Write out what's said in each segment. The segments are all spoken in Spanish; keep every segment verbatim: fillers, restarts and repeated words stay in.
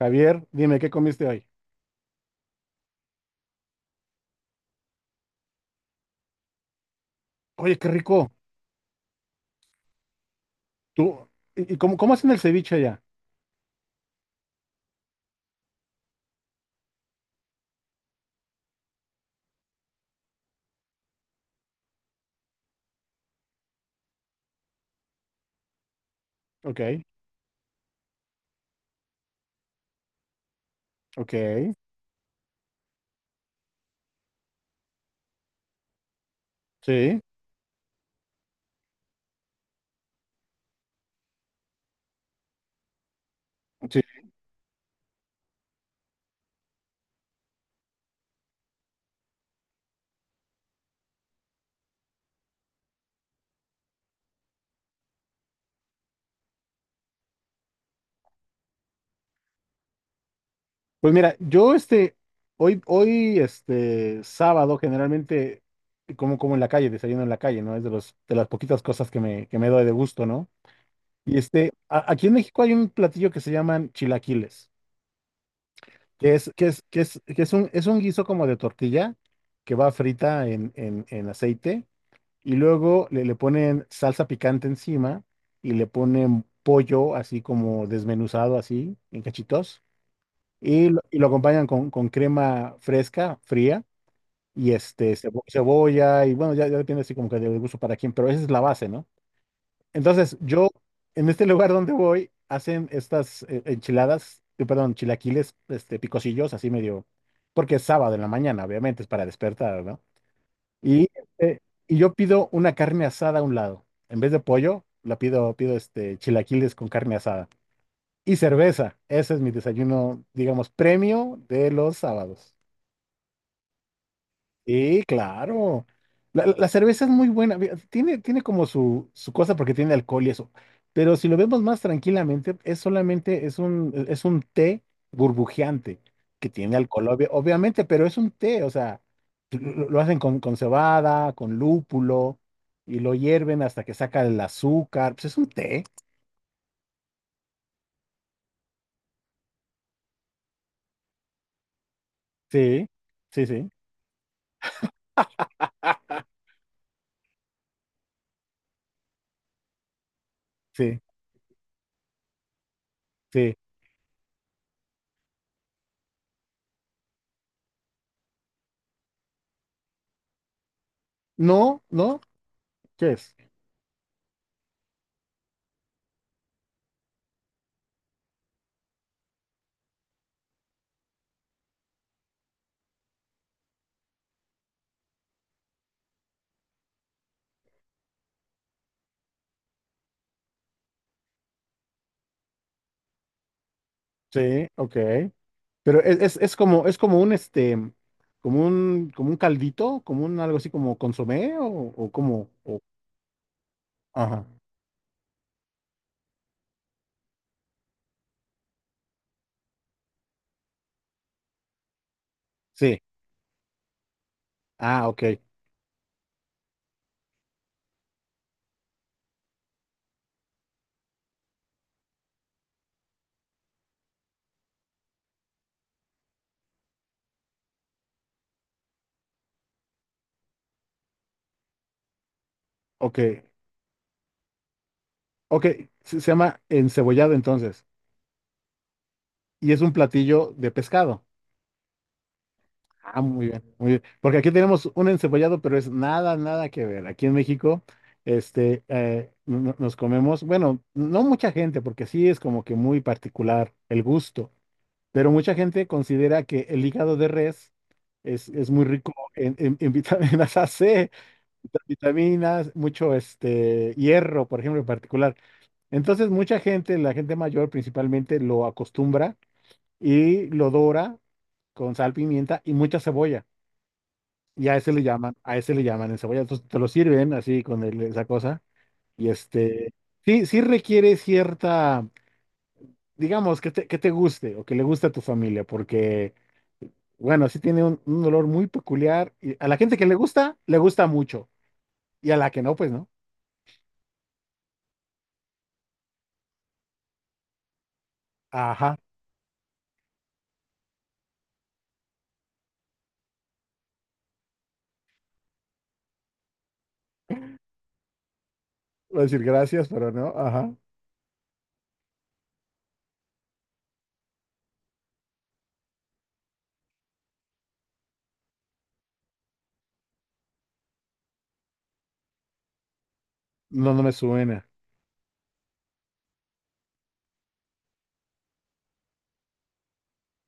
Javier, dime, ¿qué comiste hoy? Oye, qué rico. ¿Tú? ¿Y y cómo, cómo hacen el ceviche allá? Ok, ok, sí, sí. Pues mira, yo este, hoy, hoy, este, sábado, generalmente, como, como en la calle, desayuno en la calle, ¿no? Es de los, de las poquitas cosas que me, que me doy de gusto, ¿no? Y este, a- aquí en México hay un platillo que se llaman chilaquiles, que es, que es, que es, que es un, es un guiso como de tortilla que va frita en, en, en aceite. Y luego le, le ponen salsa picante encima y le ponen pollo así como desmenuzado así en cachitos y lo, y lo acompañan con, con crema fresca, fría y este cebo- cebolla y bueno, ya, ya depende así como que del gusto para quién, pero esa es la base, ¿no? Entonces yo en este lugar donde voy hacen estas eh, enchiladas, eh, perdón, chilaquiles este, picosillos así medio, porque es sábado en la mañana, obviamente es para despertar, ¿no? Y, eh, y yo pido una carne asada a un lado. En vez de pollo, la pido, pido este chilaquiles con carne asada. Y cerveza. Ese es mi desayuno, digamos, premio de los sábados. Sí, claro. La, la cerveza es muy buena. Ve, Tiene, tiene como su, su cosa porque tiene alcohol y eso. Pero si lo vemos más tranquilamente, es solamente, es un, es un té burbujeante que tiene alcohol, obvia- obviamente, pero es un té, o sea, lo, lo hacen con, con cebada, con lúpulo, y lo hierven hasta que saca el azúcar. Pues es un té. Sí, sí, sí, sí, sí. No, no, ¿qué es? Sí, ok. Pero es, es, es como, es como un este, como un, como un caldito, como un algo así como consomé o, o como, o- ajá, sí, ah, ok, ok, ok, se, se llama encebollado entonces, y es un platillo de pescado. Ah, muy bien, muy bien, porque aquí tenemos un encebollado, pero es nada, nada que ver. Aquí en México, este, eh, no- no- nos comemos, bueno, no mucha gente, porque sí es como que muy particular el gusto. Pero mucha gente considera que el hígado de res es, es muy rico en, en- en vitaminas A C, vitaminas, mucho este, hierro, por ejemplo, en particular. Entonces, mucha gente, la gente mayor principalmente, lo acostumbra y lo dora con sal, pimienta y mucha cebolla. Y a ese le llaman, a ese le llaman en cebolla. Entonces, te lo sirven así con el- esa cosa. Y este, sí, sí requiere cierta, digamos, que te, que te guste o que le guste a tu familia, porque... Bueno, sí tiene un, un olor muy peculiar. Y a la gente que le gusta, le gusta mucho. Y a la que no, pues no. Ajá. Voy a decir gracias, pero no. Ajá. No, no me suena.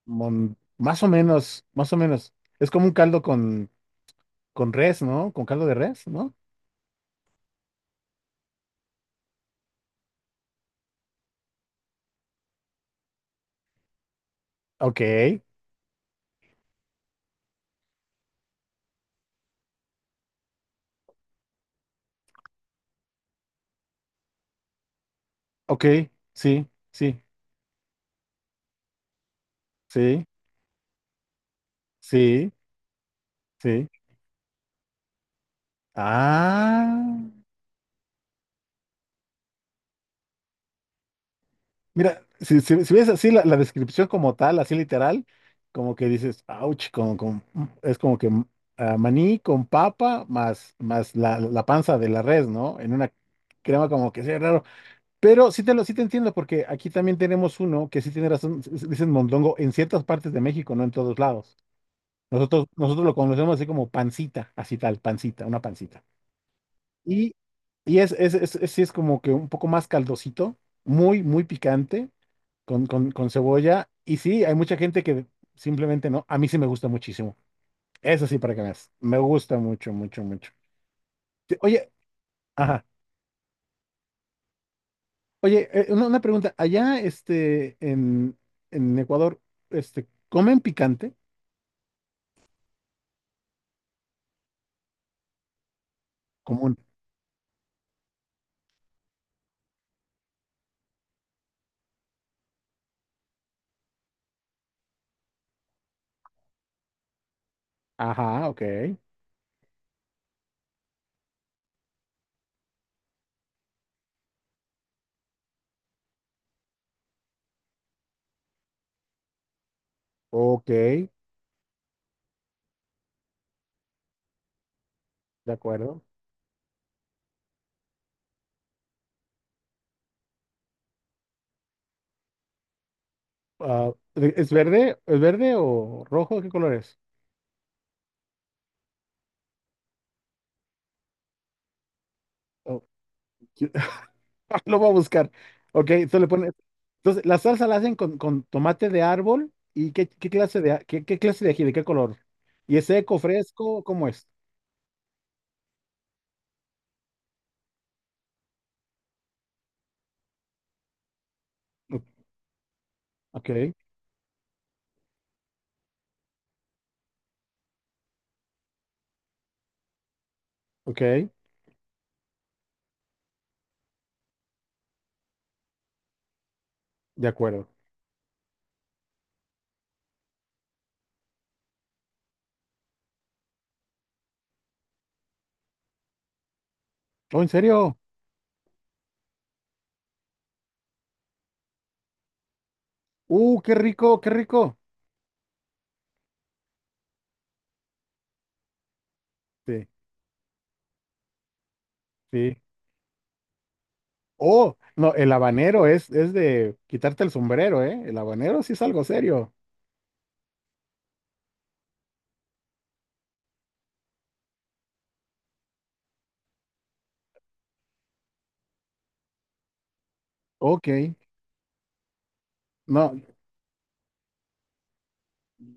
Mon- más o menos, más o menos. Es como un caldo con, con res, ¿no? Con caldo de res, ¿no? Ok, ok. Sí, sí, sí, sí, sí. Ah. Mira, si, si- si ves así la, la descripción como tal, así literal, como que dices, ouch, con, con- es como que mm, ah, maní con papa más, más la, la panza de la res, ¿no? En una crema como que sea raro. Pero sí te lo, sí te entiendo, porque aquí también tenemos uno que sí tiene razón, s- s- dicen mondongo en ciertas partes de México, no en todos lados. Nosotros, nosotros lo conocemos así como pancita, así tal, pancita, una pancita. Y, y es, es, es, es- sí es como que un poco más caldosito, muy, muy picante con, con, con cebolla. Y sí, hay mucha gente que simplemente no. A mí sí me gusta muchísimo. Eso sí, para que veas. Me gusta mucho, mucho, mucho. Sí, oye, ajá. Oye, eh, una, una pregunta. Allá, este, en, en Ecuador, este, ¿comen picante? Común. Ajá, ok. Ok, de acuerdo. Ah, ¿es verde? ¿Es verde o rojo? ¿Qué color es? Oh, lo voy a buscar. Ok, entonces le pones. Entonces, la salsa la hacen con, con tomate de árbol y qué, qué clase de a- qué, qué clase de ají, de qué color. ¿Y es seco, fresco? ¿Cómo es? O- Ok, ok, de acuerdo. Oh, ¿en serio? Uh, qué rico, qué rico. Sí, sí. Oh, no, el habanero es, es de quitarte el sombrero, ¿eh? El habanero sí es algo serio. Ok. No,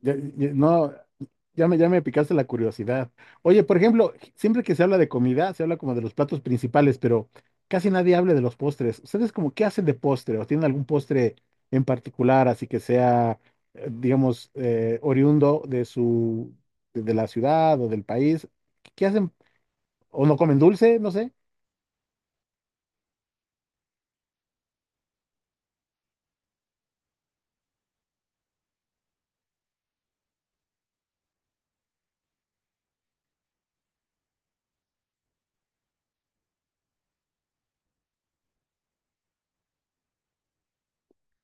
Ya- ya- no, ya me, ya me picaste la curiosidad. Oye, por ejemplo, siempre que se habla de comida, se habla como de los platos principales, pero casi nadie habla de los postres. ¿Ustedes como qué hacen de postre o tienen algún postre en particular, así que sea, eh, digamos, eh, oriundo de su, de, de la ciudad o del país? ¿Qué hacen? ¿O no comen dulce? No sé.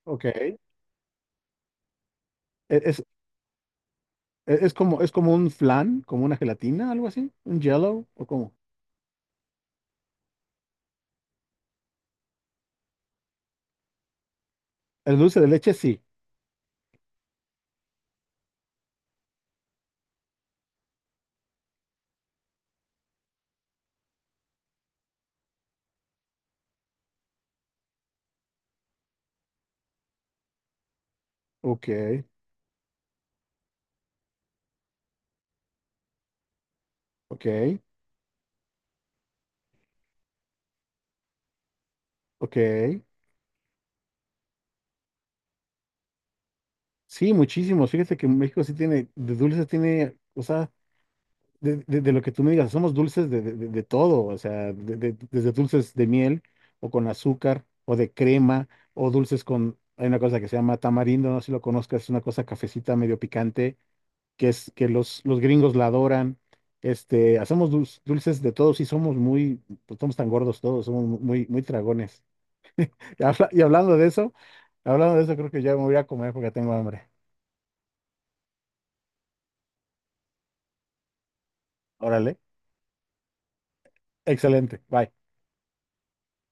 Ok. E- Es, e- es como, es como un flan, como una gelatina, algo así, un jello o como. El dulce de leche, sí. Ok, ok, ok. Sí, muchísimos. Fíjate que México sí tiene, de dulces tiene, o sea, de, de- de lo que tú me digas, somos dulces de, de- de- de todo, o sea, de- de- desde dulces de miel o con azúcar o de crema o dulces con, hay una cosa que se llama tamarindo, no sé si lo conozcas, es una cosa cafecita medio picante que es que los, los gringos la adoran. Este, hacemos dulces, dulces de todos y somos muy, pues, somos tan gordos todos, somos muy, muy tragones. Y habla- y hablando de eso, hablando de eso, creo que ya me voy a a comer porque tengo hambre. Órale. Excelente. Bye.